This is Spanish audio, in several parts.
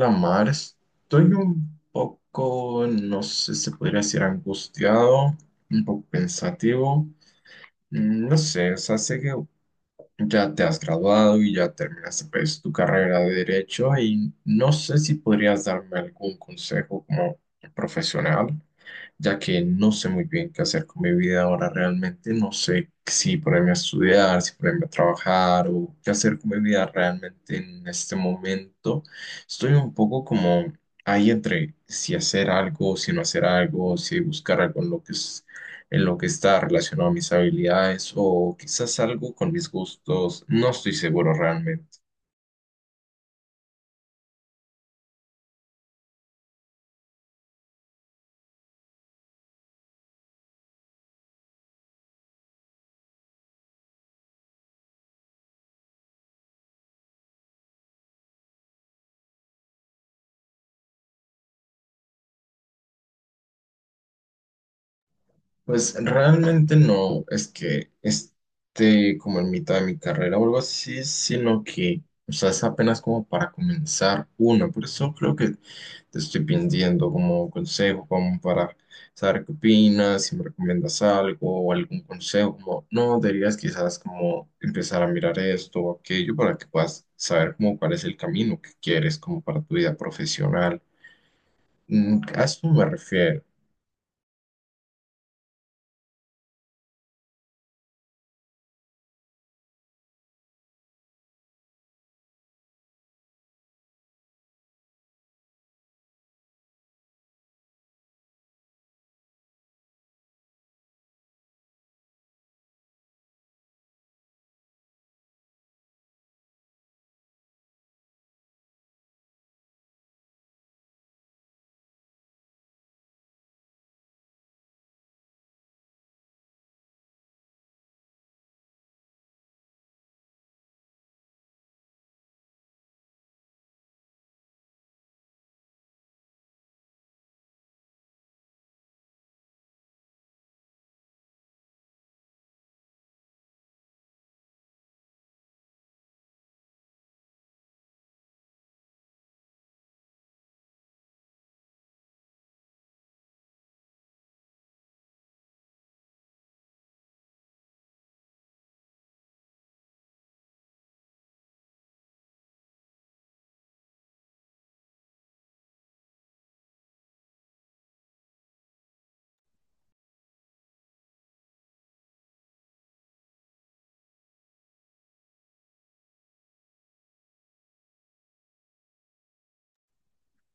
La mar, estoy un poco, no sé, se podría decir angustiado, un poco pensativo. No sé, o sea, sé que ya te has graduado y ya terminaste pues, tu carrera de derecho y no sé si podrías darme algún consejo como profesional, ya que no sé muy bien qué hacer con mi vida ahora realmente. No sé si ponerme a estudiar, si ponerme a trabajar o qué hacer con mi vida realmente en este momento. Estoy un poco como ahí entre si hacer algo, si no hacer algo, si buscar algo en lo que es, en lo que está relacionado a mis habilidades o quizás algo con mis gustos. No estoy seguro realmente. Pues realmente no es que esté como en mitad de mi carrera o algo así, sino que, o sea, es apenas como para comenzar una. Por eso creo que te estoy pidiendo como consejo, como para saber qué opinas, si me recomiendas algo o algún consejo, como, no, deberías quizás como empezar a mirar esto o aquello para que puedas saber como cuál es el camino que quieres como para tu vida profesional. A esto me refiero.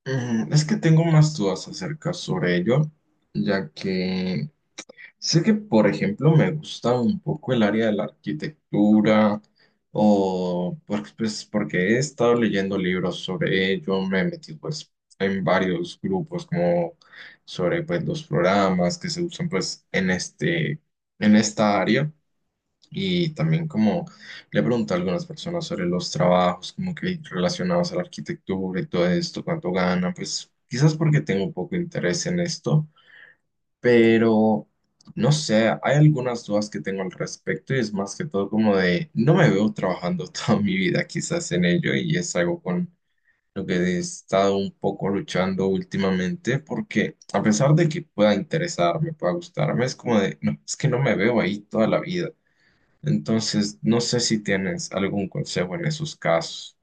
Es que tengo más dudas acerca sobre ello, ya que sé que, por ejemplo, me gusta un poco el área de la arquitectura, pues, porque he estado leyendo libros sobre ello, me he metido pues, en varios grupos como sobre pues, los programas que se usan pues, en este, en esta área. Y también como le pregunto a algunas personas sobre los trabajos, como que relacionados a la arquitectura y todo esto, cuánto ganan, pues quizás porque tengo un poco de interés en esto, pero no sé, hay algunas dudas que tengo al respecto y es más que todo como de, no me veo trabajando toda mi vida quizás en ello y es algo con lo que he estado un poco luchando últimamente, porque a pesar de que pueda interesarme, pueda gustarme, es como de, no, es que no me veo ahí toda la vida. Entonces, no sé si tienes algún consejo en esos casos.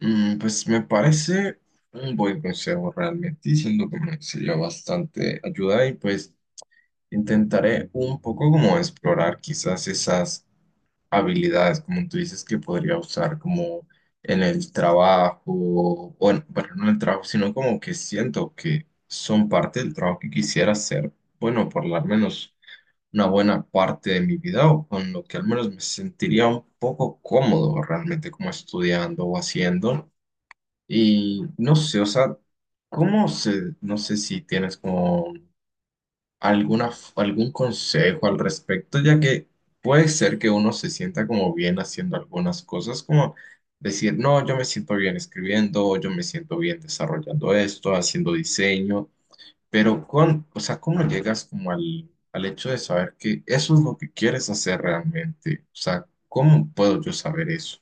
Mm, pues me parece un buen consejo realmente, y siento que me sería bastante ayuda y pues intentaré un poco como explorar quizás esas habilidades, como tú dices, que podría usar como en el trabajo, bueno, no en el trabajo, sino como que siento que son parte del trabajo que quisiera hacer, bueno, por lo menos una buena parte de mi vida o con lo que al menos me sentiría un poco cómodo realmente como estudiando o haciendo. Y no sé, o sea, ¿cómo se, no sé si tienes como alguna, algún consejo al respecto, ya que puede ser que uno se sienta como bien haciendo algunas cosas, como decir, no, yo me siento bien escribiendo, o yo me siento bien desarrollando esto, haciendo diseño, pero, con, o sea, ¿cómo llegas como al, al hecho de saber que eso es lo que quieres hacer realmente? O sea, ¿cómo puedo yo saber eso?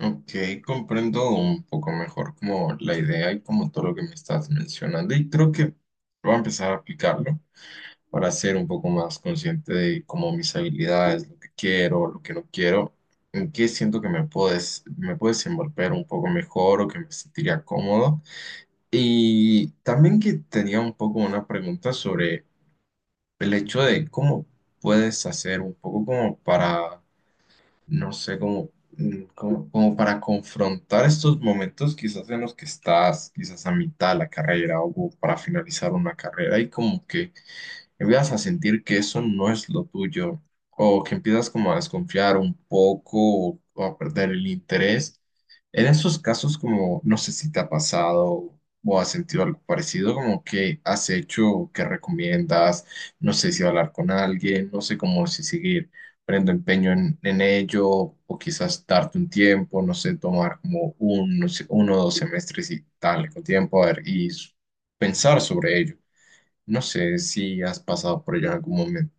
Ok, comprendo un poco mejor como la idea y como todo lo que me estás mencionando y creo que voy a empezar a aplicarlo para ser un poco más consciente de cómo mis habilidades, lo que quiero, lo que no quiero, en qué siento que me puedes desenvolver un poco mejor o que me sentiría cómodo. Y también que tenía un poco una pregunta sobre el hecho de cómo puedes hacer un poco como para, no sé, como, como, como para confrontar estos momentos quizás en los que estás, quizás a mitad de la carrera o para finalizar una carrera y como que empiezas a sentir que eso no es lo tuyo, o que empiezas como a desconfiar un poco o a perder el interés. En esos casos, como no sé si te ha pasado o has sentido algo parecido, como que has hecho, que recomiendas, no sé si hablar con alguien, no sé cómo si seguir poniendo empeño en ello, o quizás darte un tiempo, no sé, tomar como un, no sé, uno o dos semestres y darle con tiempo a ver, pensar sobre ello. No sé si has pasado por ello en algún momento.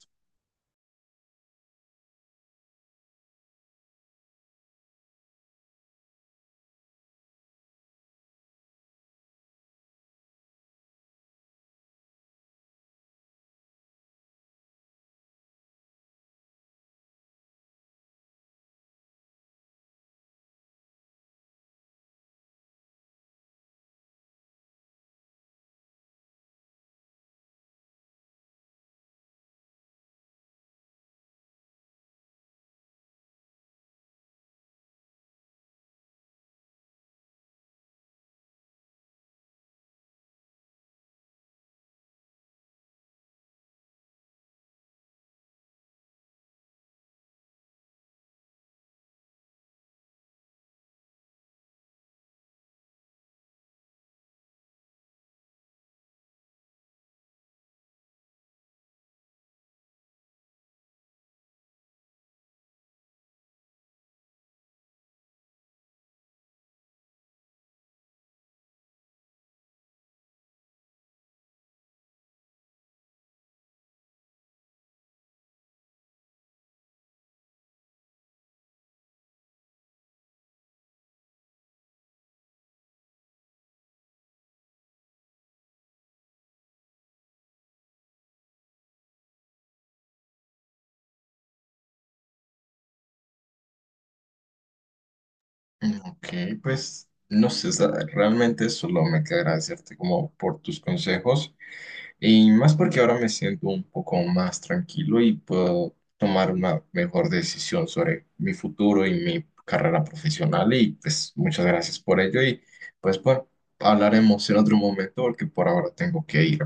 Mm, Ok, pues no sé, realmente solo me queda agradecerte como por tus consejos y más porque ahora me siento un poco más tranquilo y puedo tomar una mejor decisión sobre mi futuro y mi carrera profesional y pues muchas gracias por ello y pues bueno, hablaremos en otro momento porque por ahora tengo que ir.